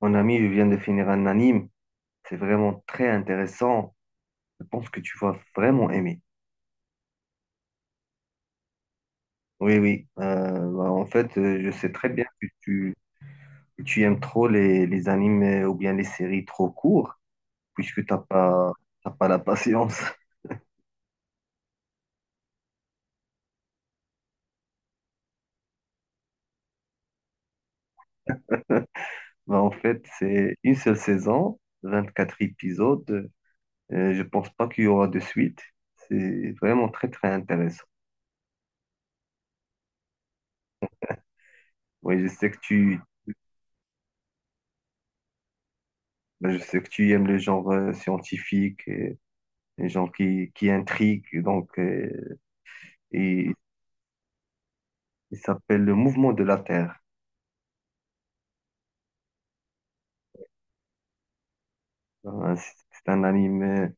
Mon ami, je viens de finir un anime. C'est vraiment très intéressant. Je pense que tu vas vraiment aimer. Oui, oui. Bah, en fait, je sais très bien que tu aimes trop les animes ou bien les séries trop courtes, puisque t'as pas la patience. Bah, en fait, c'est une seule saison, 24 épisodes. Je pense pas qu'il y aura de suite. C'est vraiment très, très intéressant. Oui, je sais que tu, bah, je sais que tu aimes le genre scientifique. Un genre qui intrigue. Donc, et, il s'appelle Le Mouvement de la Terre. Euh, C'est c'est un anime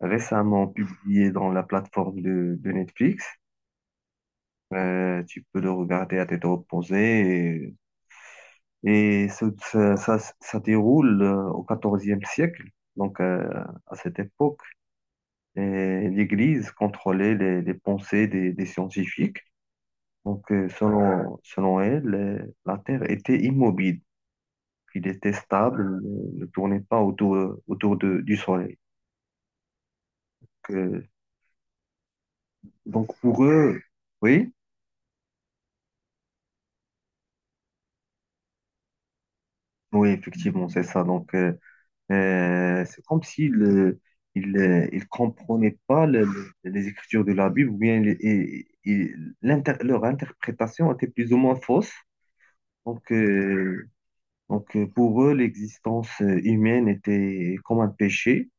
récemment publié dans la plateforme de Netflix. Tu peux le regarder à tête reposée. Et, et ça déroule au XIVe siècle. Donc, à cette époque, et l'Église contrôlait les pensées des scientifiques. Donc, selon elle, la Terre était immobile. Il était stable, ne tournait pas autour du soleil. Que- donc pour eux, oui, oui, effectivement, c'est ça. Donc, c'est comme s'ils ne ils, ils comprenaient pas les écritures de la Bible, ou bien leur interprétation était plus ou moins fausse. Donc, euh, donc, pour eux, l'existence humaine était comme un péché.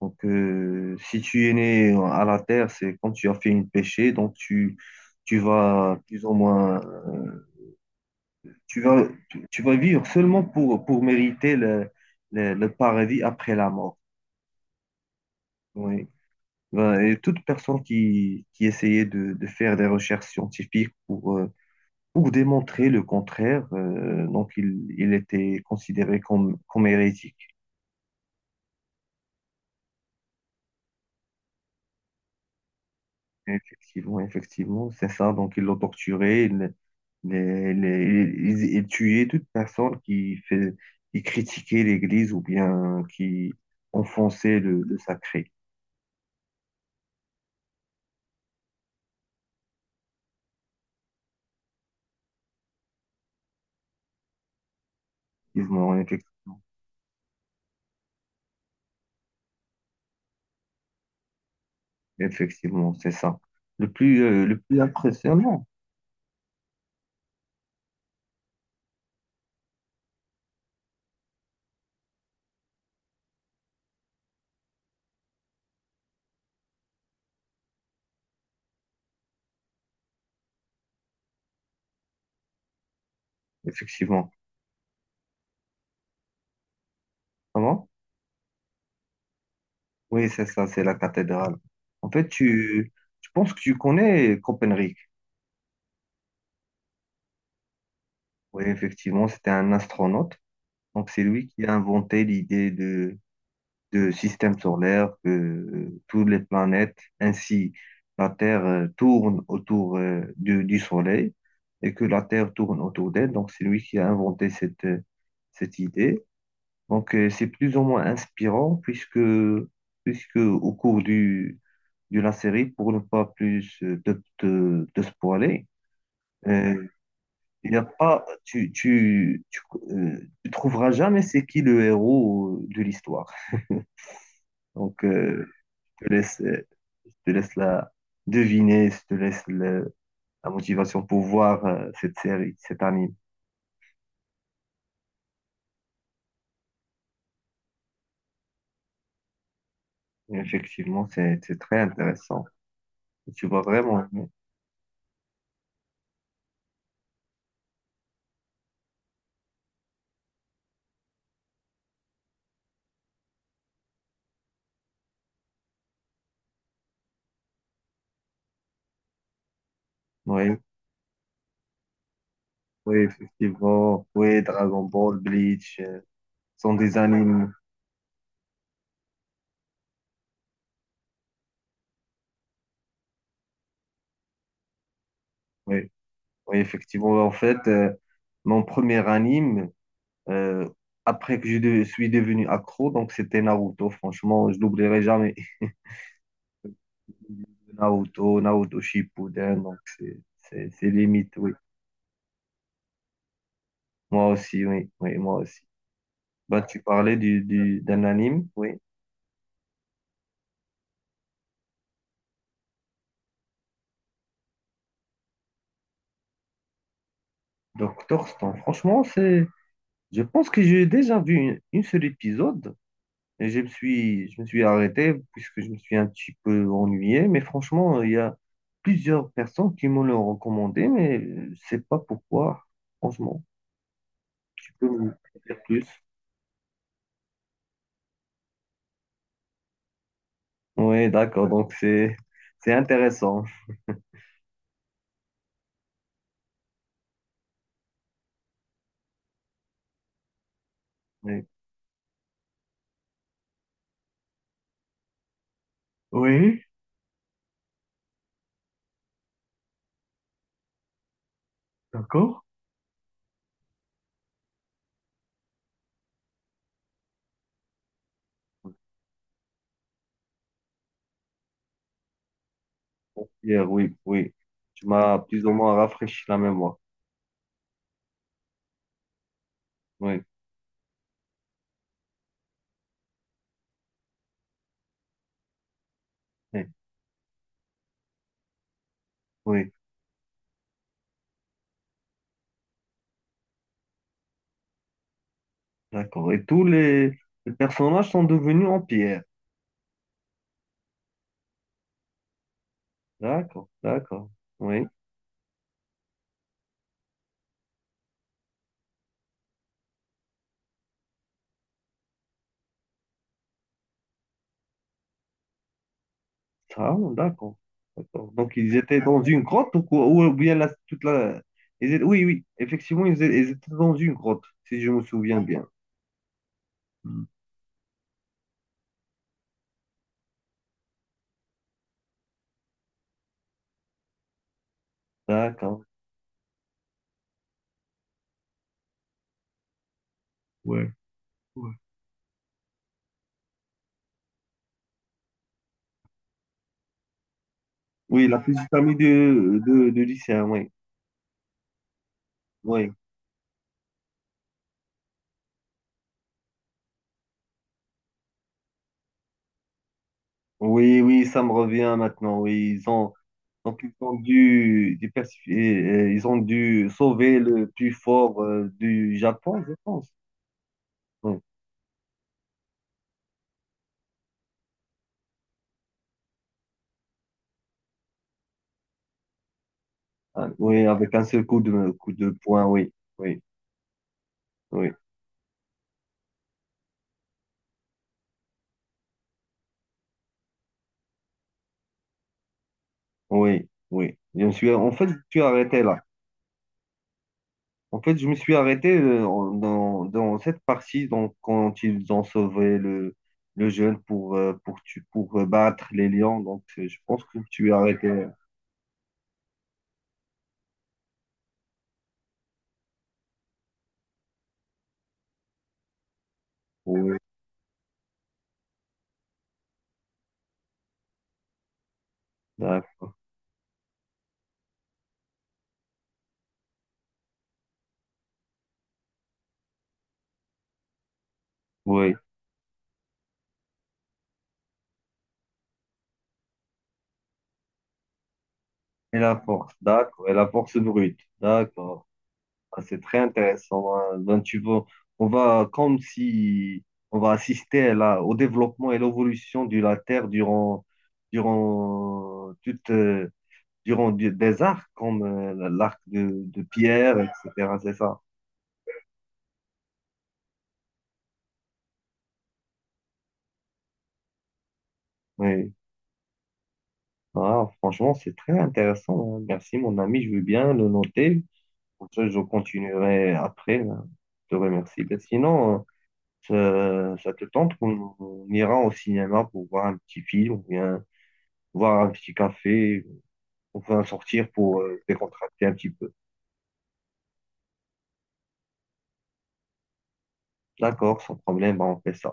Donc, si tu es né à la terre, c'est quand tu as fait une péché, donc tu vas plus ou moins, tu vas vivre seulement pour mériter le paradis après la mort. Oui. Ben, et toute personne qui essayait de faire des recherches scientifiques pour démontrer le contraire, donc il était considéré comme hérétique. Effectivement, effectivement, c'est ça. Donc, ils l'ont torturé, ils, les- ils tuaient toute personne qui critiquait l'Église ou bien qui enfonçait le sacré. Effectivement, effectivement, effectivement, c'est ça. Le plus impressionnant, effectivement. Comment? Oui, c'est ça, c'est la cathédrale. En fait, tu penses que tu connais Copernic. Oui, effectivement, c'était un astronaute. Donc, c'est lui qui a inventé l'idée de système solaire, que toutes les planètes, ainsi la Terre tourne autour du Soleil et que la Terre tourne autour d'elle. Donc c'est lui qui a inventé cette idée. Donc, c'est plus ou moins inspirant puisque, au cours de la série, pour ne pas plus te spoiler, euh, il n'y a pas, tu trouveras jamais c'est qui le héros de l'histoire. Donc, Je te laisse, euh, je te laisse la deviner, je te laisse la motivation pour voir cette série, cet anime. Et effectivement, c'est très intéressant. Tu vois vraiment aimer. Oui, oui, effectivement. Oui, Dragon Ball, Bleach, sont des animes. Oui, oui, effectivement. En fait, mon premier anime, euh, après que suis devenu accro, donc c'était Naruto. Franchement, je n'oublierai jamais. Naruto, Naruto Shippuden, donc c'est limite, oui. Moi aussi, oui, oui, moi aussi. Bah, tu parlais d'un anime, oui. Doctor Stone. Franchement, je pense que j'ai déjà vu une seule épisode et je me suis arrêté puisque je me suis un petit peu ennuyé. Mais franchement, il y a plusieurs personnes qui me l'ont recommandé, mais je sais pas pourquoi. Franchement, tu peux me dire plus. Oui, d'accord. Donc, c'est intéressant. Oui, oui, d'accord. Hier, oui, oui. Tu m'as plus ou moins rafraîchi la mémoire. Oui, oui, oui, d'accord. Et tous les personnages sont devenus en pierre. D'accord, d'accord. Oui, ça, d'accord. D'accord. Donc ils étaient dans une grotte ou quoi? Ou bien la, toute la. Oui, oui, effectivement, ils étaient dans une grotte, si je me souviens bien. Hmm. D'accord. Ouais, ouais. Oui, la petite amie de lycéen, oui. Oui. Oui, oui, ça me revient maintenant. Oui, ils ont donc ils ont dû sauver le plus fort du Japon, je pense. Oui, ah, oui, avec un seul coup de poing. Oui, oui, oui, oui, oui. En fait, je me suis arrêté là. En fait, je me suis arrêté dans cette partie donc quand ils ont sauvé le jeune pour tu pour battre les lions. Donc, je pense que tu es arrêté. Oui, d'accord. Oui. Et la force, d'accord. Et la force brute, d'accord. Ah, c'est très intéressant, hein. Donc, tu vois, on va comme si on va assister là, au développement et l'évolution de la Terre durant, toute, euh, durant des arcs comme l'arc de Pierre, etc. C'est ça. Oui. Ah, franchement, c'est très intéressant, hein. Merci, mon ami. Je veux bien le noter. Comme ça, je continuerai après, hein. Je te remercie. Mais sinon, ça te tente qu'on on ira au cinéma pour voir un petit film ou bien voir un petit café, on va sortir pour décontracter un petit peu. D'accord, sans problème, bah, on fait ça.